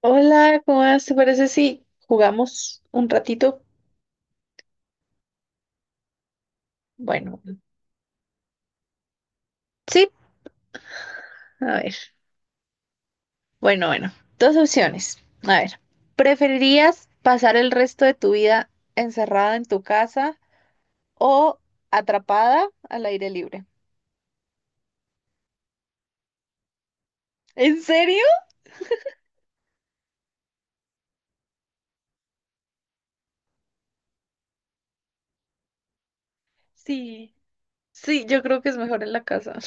Hola, ¿cómo vas? ¿Te parece si jugamos un ratito? Bueno, sí, a ver. Bueno, bueno, dos opciones. A ver, ¿preferirías pasar el resto de tu vida encerrada en tu casa o atrapada al aire libre? ¿En serio? Sí, sí, yo creo que es mejor en la casa.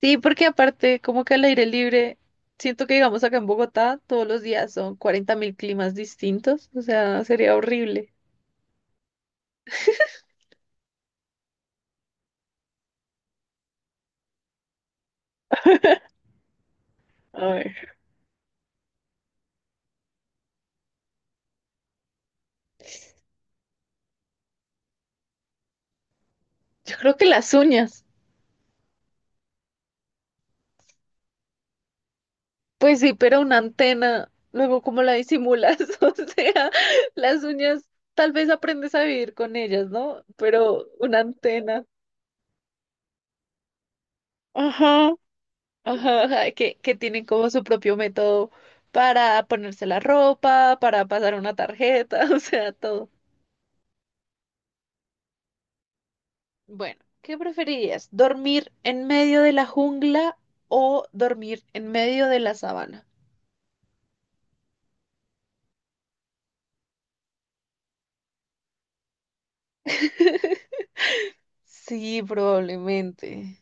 Sí, porque aparte, como que al aire libre, siento que digamos acá en Bogotá todos los días son 40.000 climas distintos, o sea, sería horrible. A ver, yo creo que las uñas. Pues sí, pero una antena, luego cómo la disimulas, o sea, las uñas tal vez aprendes a vivir con ellas, ¿no? Pero una antena, ajá, ajá, ajá, que tienen como su propio método para ponerse la ropa, para pasar una tarjeta, o sea, todo. Bueno, ¿qué preferirías? ¿Dormir en medio de la jungla o dormir en medio de la sabana? Sí, probablemente.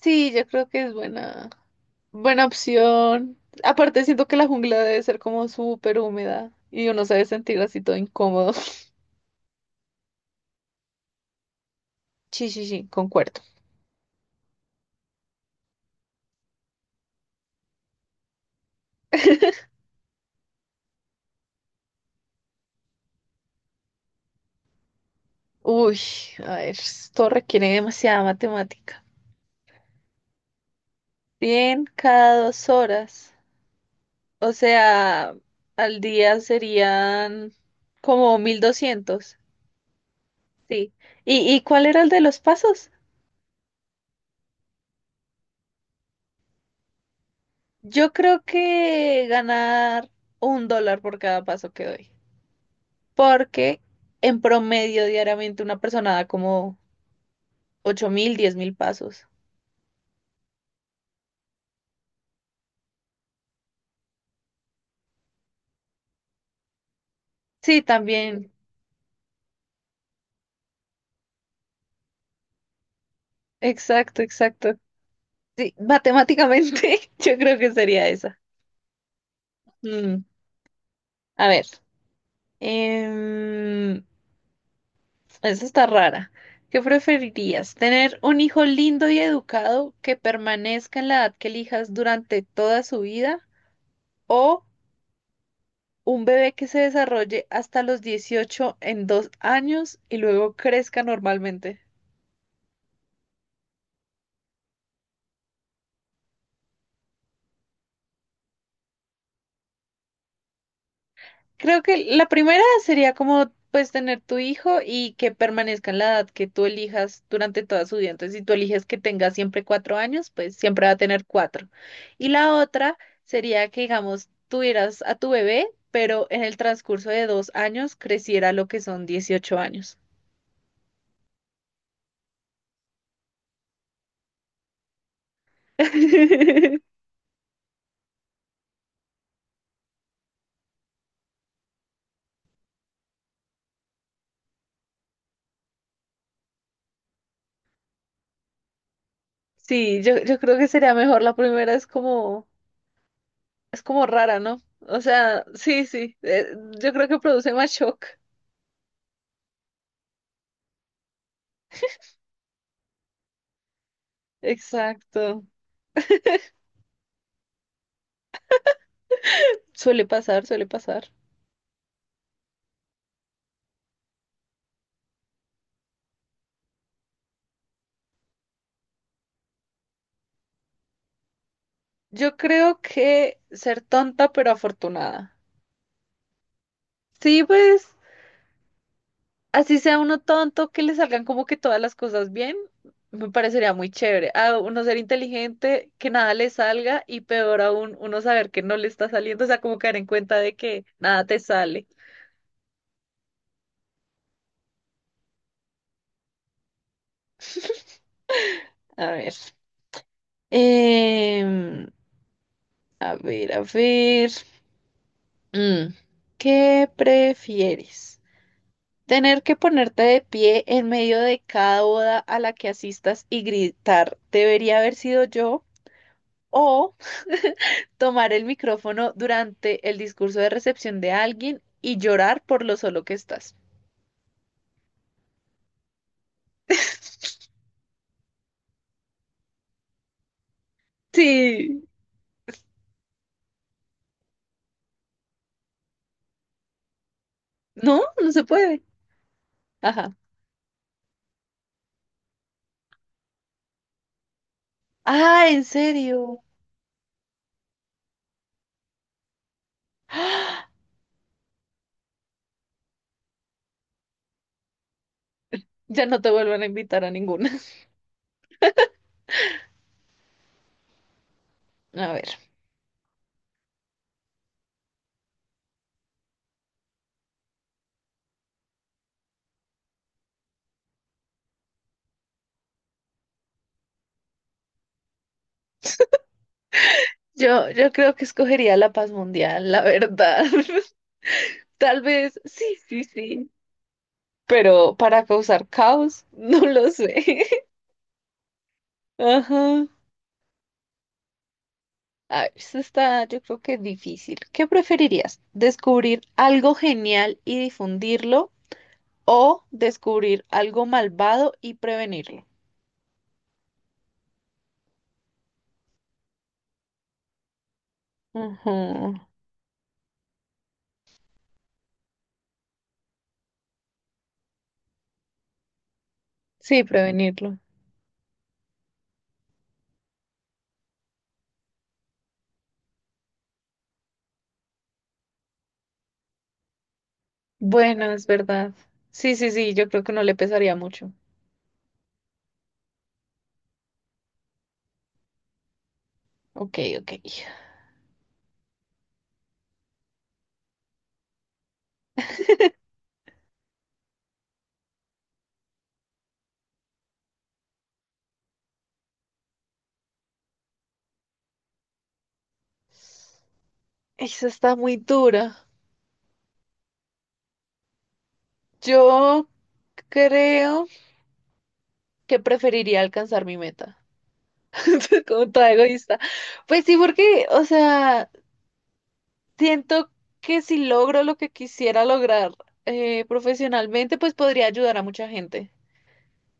Sí, yo creo que es buena. Buena opción. Aparte, siento que la jungla debe ser como súper húmeda y uno se debe sentir así todo incómodo. Sí, sí, sí, concuerdo. Uy, a ver, esto requiere demasiada matemática. Bien cada 2 horas. O sea, al día serían como 1.200. Sí. ¿Y cuál era el de los pasos? Yo creo que ganar $1 por cada paso que doy. Porque en promedio diariamente una persona da como 8.000, 10.000 pasos. Sí, también. Exacto, exacto. Sí, matemáticamente yo creo que sería esa. Mm, A ver, em, esa está rara. ¿Qué preferirías? ¿Tener un hijo lindo y educado que permanezca en la edad que elijas durante toda su vida? ¿O un bebé que se desarrolle hasta los 18 en 2 años y luego crezca normalmente? Creo que la primera sería como pues tener tu hijo y que permanezca en la edad que tú elijas durante toda su vida. Entonces, si tú eliges que tenga siempre 4 años, pues siempre va a tener cuatro. Y la otra sería que, digamos, tuvieras a tu bebé, pero en el transcurso de 2 años creciera lo que son 18 años. Sí, yo creo que sería mejor. La primera es como, rara, ¿no? O sea, sí, sí, yo creo que produce más shock. Exacto. Suele pasar, suele pasar. Yo creo que ser tonta pero afortunada. Sí, pues así sea uno tonto, que le salgan como que todas las cosas bien, me parecería muy chévere. A uno ser inteligente, que nada le salga y peor aún, uno saber que no le está saliendo, o sea, como caer en cuenta de que nada te sale. A ver. em, a ver, a ver. Mm, ¿Qué prefieres? Tener que ponerte de pie en medio de cada boda a la que asistas y gritar, ¿debería haber sido yo? O tomar el micrófono durante el discurso de recepción de alguien y llorar por lo solo que estás. Sí, no, no se puede. Ajá. Ah, ¿en serio? ¡Ah! Ya no te vuelvan a invitar a ninguna. A ver, yo creo que escogería la paz mundial, la verdad. Tal vez, sí, sí, sí. Pero para causar caos, no lo sé. Ajá. Ah, eso está, yo creo que difícil. ¿Qué preferirías? ¿Descubrir algo genial y difundirlo o descubrir algo malvado y prevenirlo? Ujú. Sí, prevenirlo. Bueno, es verdad. Sí, sí, sí, yo creo que no le pesaría mucho. Ok, ok. Eso está muy dura. Yo creo que preferiría alcanzar mi meta. Como toda egoísta. Pues sí, porque, o sea, siento que si logro lo que quisiera lograr profesionalmente, pues podría ayudar a mucha gente.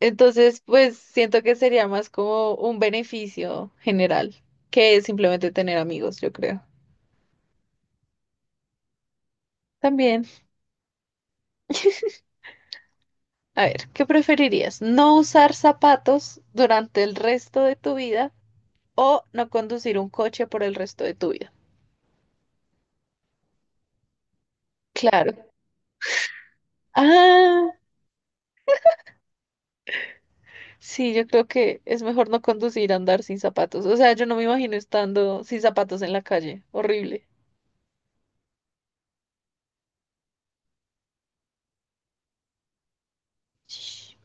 Entonces, pues siento que sería más como un beneficio general que simplemente tener amigos, yo creo. También, a ver, ¿qué preferirías? ¿No usar zapatos durante el resto de tu vida o no conducir un coche por el resto de tu vida? Claro. Ah, sí, yo creo que es mejor no conducir a andar sin zapatos. O sea, yo no me imagino estando sin zapatos en la calle. Horrible. Ush.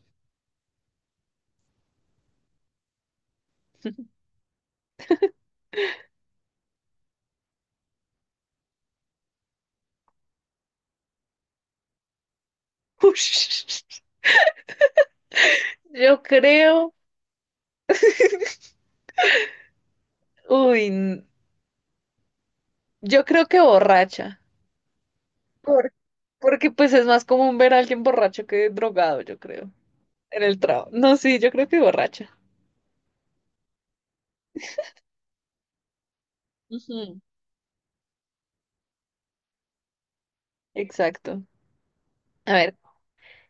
Yo creo, uy, n- yo creo que borracha. Por- porque pues es más común ver a alguien borracho que drogado, yo creo, en el trabajo. No, sí, yo creo que borracha. Ujú. Exacto. A ver,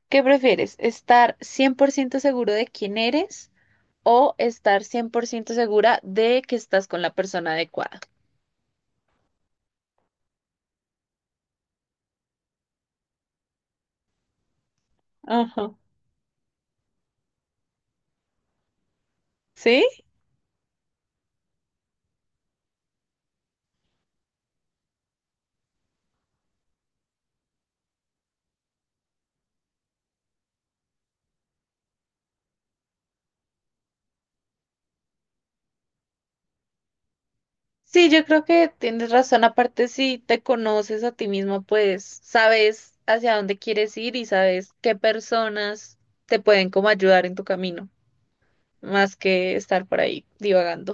¿qué prefieres? ¿Estar 100% seguro de quién eres o estar 100% segura de que estás con la persona adecuada? Ajá. ¿Sí? Sí, yo creo que tienes razón. Aparte, si te conoces a ti mismo, pues sabes hacia dónde quieres ir y sabes qué personas te pueden como ayudar en tu camino, más que estar por ahí divagando.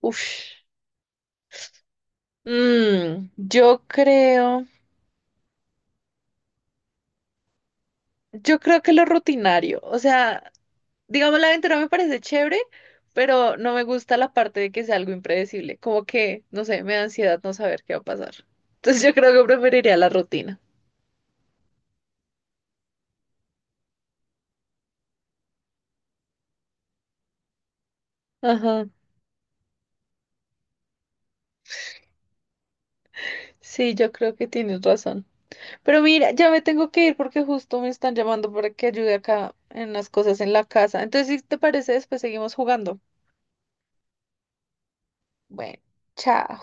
Uf. Mm, yo creo, yo creo que lo rutinario, o sea, digamos la aventura me parece chévere, pero no me gusta la parte de que sea algo impredecible, como que, no sé, me da ansiedad no saber qué va a pasar. Entonces yo creo que preferiría la rutina. Ajá. Sí, yo creo que tienes razón. Pero mira, ya me tengo que ir porque justo me están llamando para que ayude acá en las cosas en la casa. Entonces, si te parece, después seguimos jugando. Bueno, chao.